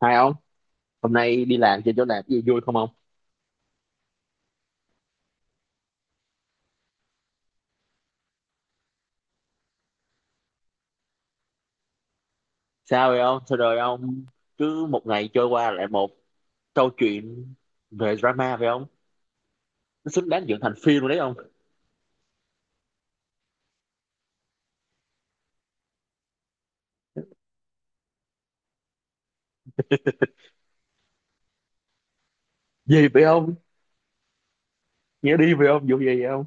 Hai ông, hôm nay đi làm trên chỗ làm cái gì vui không ông? Sao vậy ông? Sao rồi ông? Cứ một ngày trôi qua lại một câu chuyện về drama vậy ông? Nó xứng đáng dựng thành phim rồi đấy ông. Gì vậy ông? Nghĩa đi vậy ông? Vụ gì vậy ông?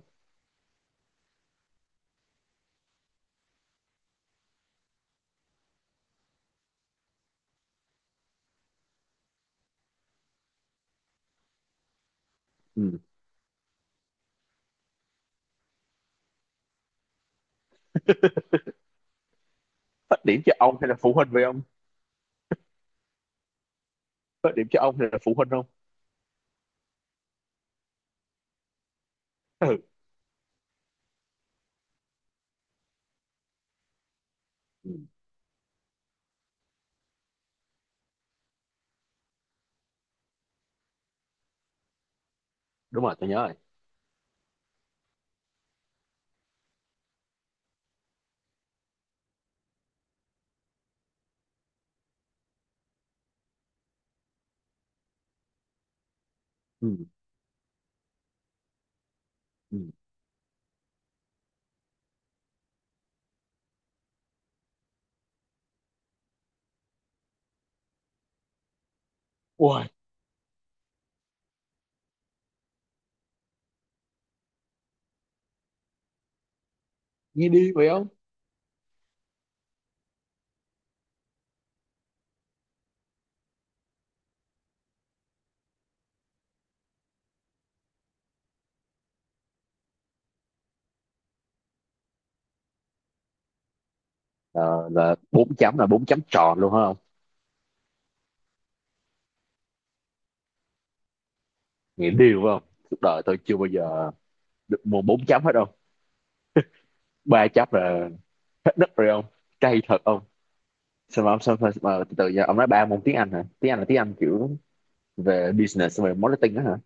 Ừ. Phát điểm cho ông hay là phụ huynh vậy ông? Phát điểm cho ông hay là phụ huynh không? Ừ. Ừ. Đúng rồi, tôi nhớ rồi. Ừ. Ừ. Ui, nghe đi vậy ông? Ờ, là bốn chấm tròn luôn hả ông? Nghĩa đi phải không? Suốt đời tôi chưa bao giờ được mua bốn chấm hết đâu. Ba chấm là đất rồi ông, cay thật ông. Sao mà từ từ giờ ông nói ba môn tiếng Anh hả? Tiếng Anh là tiếng Anh kiểu về business xong rồi marketing đó hả?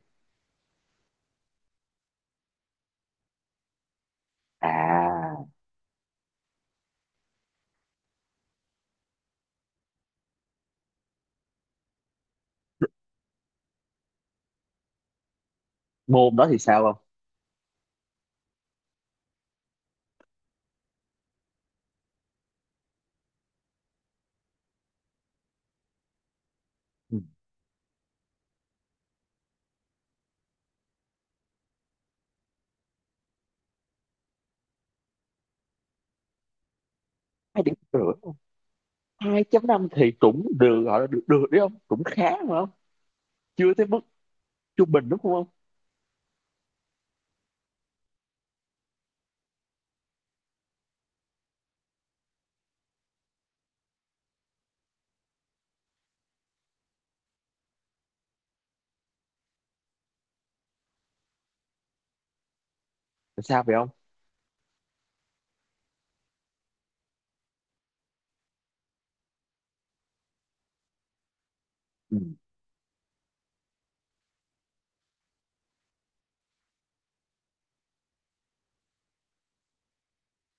À, môn đó thì sao không? Ừ, hai điểm rưỡi không? 2.5 thì cũng được, gọi là được được đấy không, cũng khá mà không? Chưa tới mức trung bình đúng không ông? Là sao vậy ông? Ừ.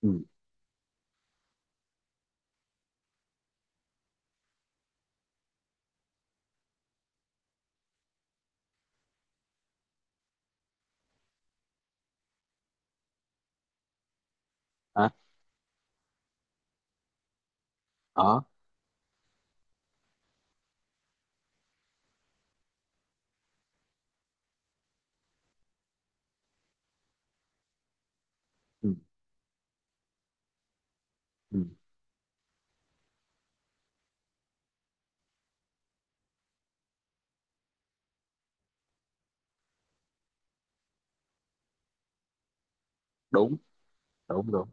Ừ. Hả? Ờ. Ừ, ừ. Đúng, đúng, đúng.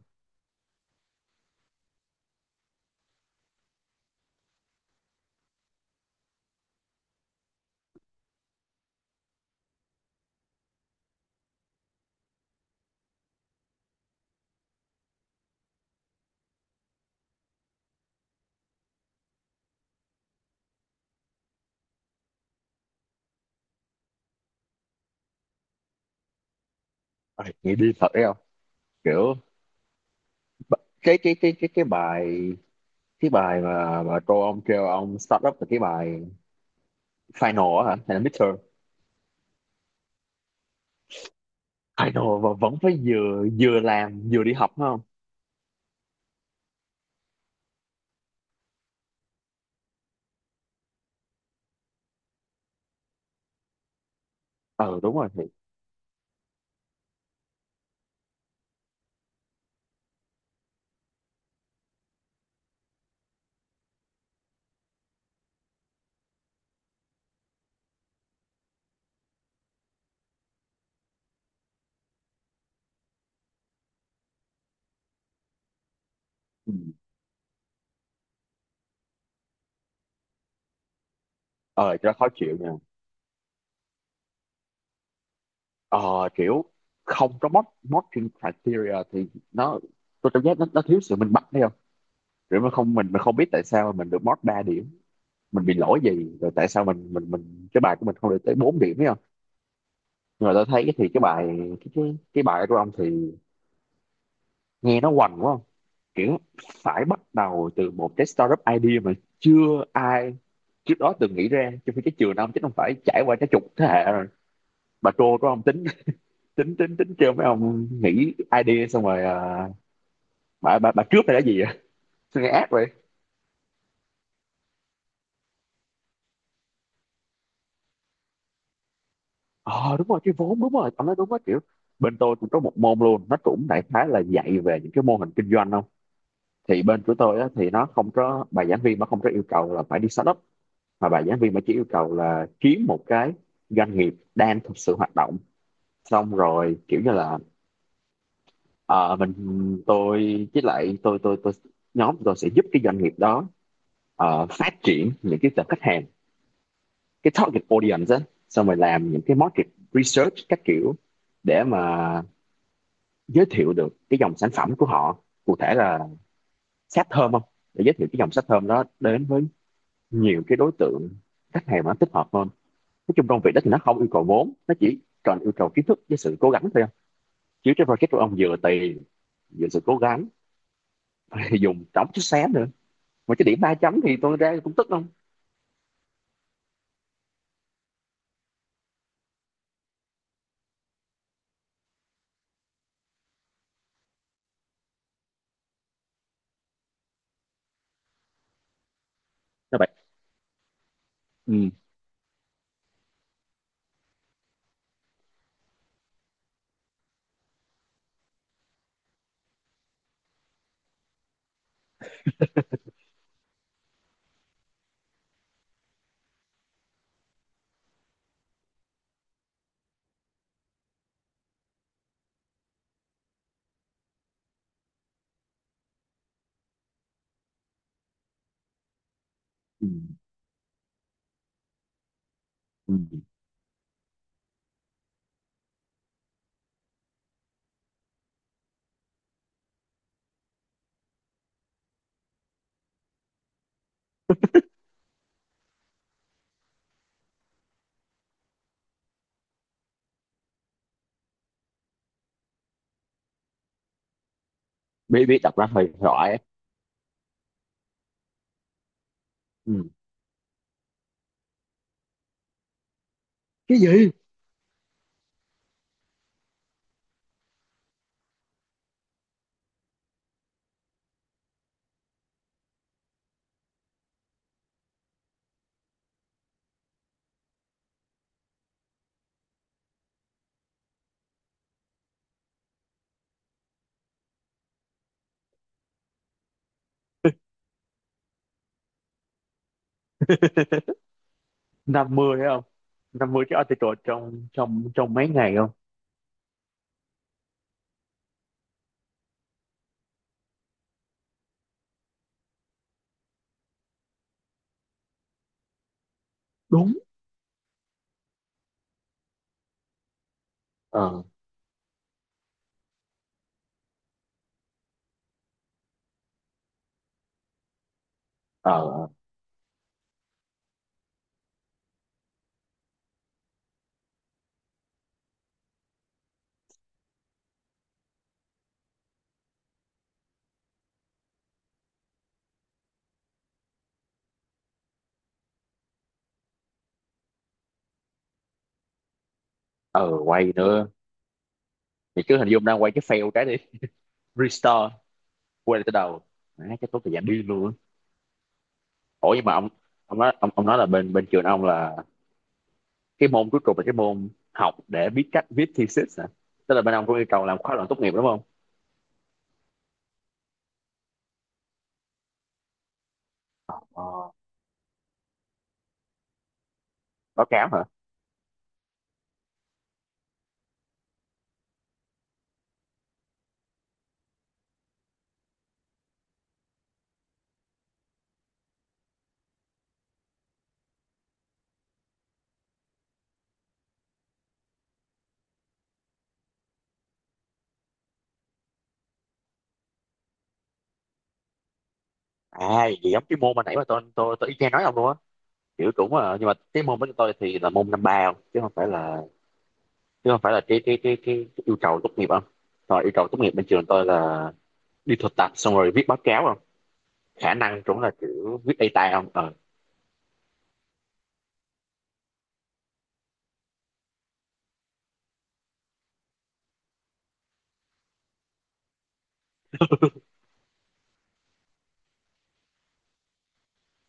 Ôi, nghĩ đi thật đấy không? Kiểu b- cái cái cái cái cái bài cái bài mà cô ông kêu ông start up là cái bài final á, hả hay là midterm? Final mà vẫn phải vừa vừa làm vừa đi học phải không? Ờ, đúng rồi thì. Ừ. Ờ, cho nó khó chịu nha. Ờ, kiểu không có modding criteria thì nó, tôi cảm giác nó thiếu sự minh bạch thấy không? Kiểu mà không, mình không biết tại sao mà mình được mod 3 điểm, mình bị lỗi gì rồi, tại sao mình cái bài của mình không được tới 4 điểm thấy không? Nhưng mà tôi thấy thì cái bài của ông thì nghe nó hoành quá, kiểu phải bắt đầu từ một cái startup idea mà chưa ai trước đó từng nghĩ ra trong khi cái trường ông chắc không phải trải qua cái chục thế hệ rồi. Bà trô đó ông tính tính tính tính trêu mấy ông nghĩ idea xong rồi, à, bà cướp hay là gì vậy? Sao nghe ác vậy. Ờ à, đúng rồi cái vốn, đúng rồi ông nói đúng á, kiểu bên tôi cũng có một môn luôn, nó cũng đại khái là dạy về những cái mô hình kinh doanh không? Thì bên của tôi á, thì nó không có bà giảng viên mà không có yêu cầu là phải đi startup, mà bà giảng viên mà chỉ yêu cầu là kiếm một cái doanh nghiệp đang thực sự hoạt động, xong rồi kiểu như là ờ, mình tôi với lại tôi nhóm tôi sẽ giúp cái doanh nghiệp đó phát triển những cái tập khách hàng, cái target audience á, xong rồi làm những cái market research các kiểu để mà giới thiệu được cái dòng sản phẩm của họ, cụ thể là sáp thơm không, để giới thiệu cái dòng sáp thơm đó đến với nhiều cái đối tượng khách hàng mà nó thích hợp hơn. Nói chung công việc đó thì nó không yêu cầu vốn, nó chỉ cần yêu cầu kiến thức với sự cố gắng thôi. Không, chứ cái project của ông vừa tiền vừa sự cố gắng. Thì dùng trống chút xé nữa mà cái điểm ba chấm thì tôi ra cũng tức không? Các bạn. Ừ. Ừ. Ừ. biết biết đọc ra hơi giỏi. Ừ. Cái gì? 50 hay không? 50 cái article trong trong trong mấy ngày không? Đúng. ờ ờ ờ Quay nữa thì cứ hình dung đang quay cái fail cái đi restore quay lại từ đầu, má chắc tốn thời gian đi luôn á. Ủa nhưng mà ông nói là bên bên trường ông là cái môn cuối cùng là cái môn học để biết cách viết thesis hả? Tức là bên ông có yêu cầu làm khóa luận tốt nghiệp đúng không? Ờ, báo cáo hả? À, gì giống cái môn mà nãy mà tôi y chang nói ông luôn á, kiểu cũng là, nhưng mà cái môn của tụi tôi thì là môn năm ba không, chứ không phải là, chứ không phải là cái yêu cầu tốt nghiệp không? Rồi yêu cầu tốt nghiệp bên trường tôi là đi thực tập xong rồi viết báo cáo không? Khả năng cũng là kiểu viết data không. Ờ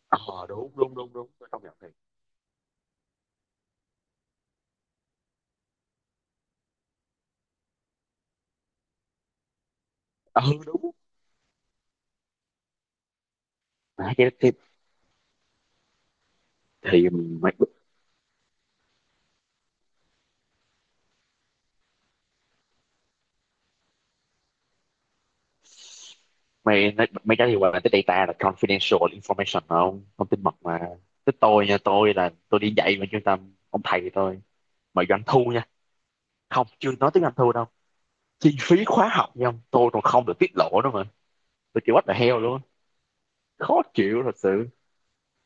ờ Đúng, đúng, đúng, đúng, tôi không nhận thì ờ đúng, à, thì mày mày mày mày trả lời là cái data là confidential information mà không, thông tin mật mà. Tới tôi nha, tôi là tôi đi dạy bên trung tâm ông, thầy tôi mà doanh thu không, chưa nói tiếng Anh thua đâu, chi phí khóa học nha ông, tôi còn không được tiết lộ nữa mà. Tôi chịu bắt là heo luôn, khó chịu thật sự.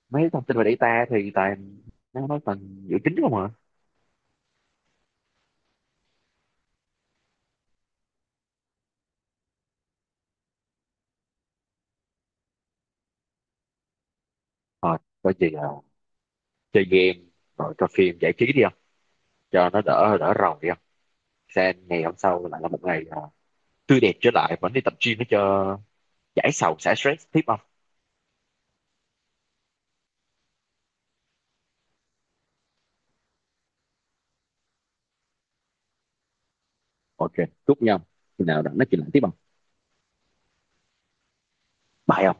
Mấy thông tin về data thì toàn, nó nói toàn dự tính không à. Rồi coi chị là chơi game, rồi coi phim giải trí đi không, cho nó đỡ đỡ rầu đi không? Sang ngày hôm sau lại là một ngày, à, tươi đẹp trở lại, vẫn đi tập gym để cho giải sầu xả stress tiếp không? Ok, chúc nhau khi nào đã nói chuyện lại tiếp không? Bye.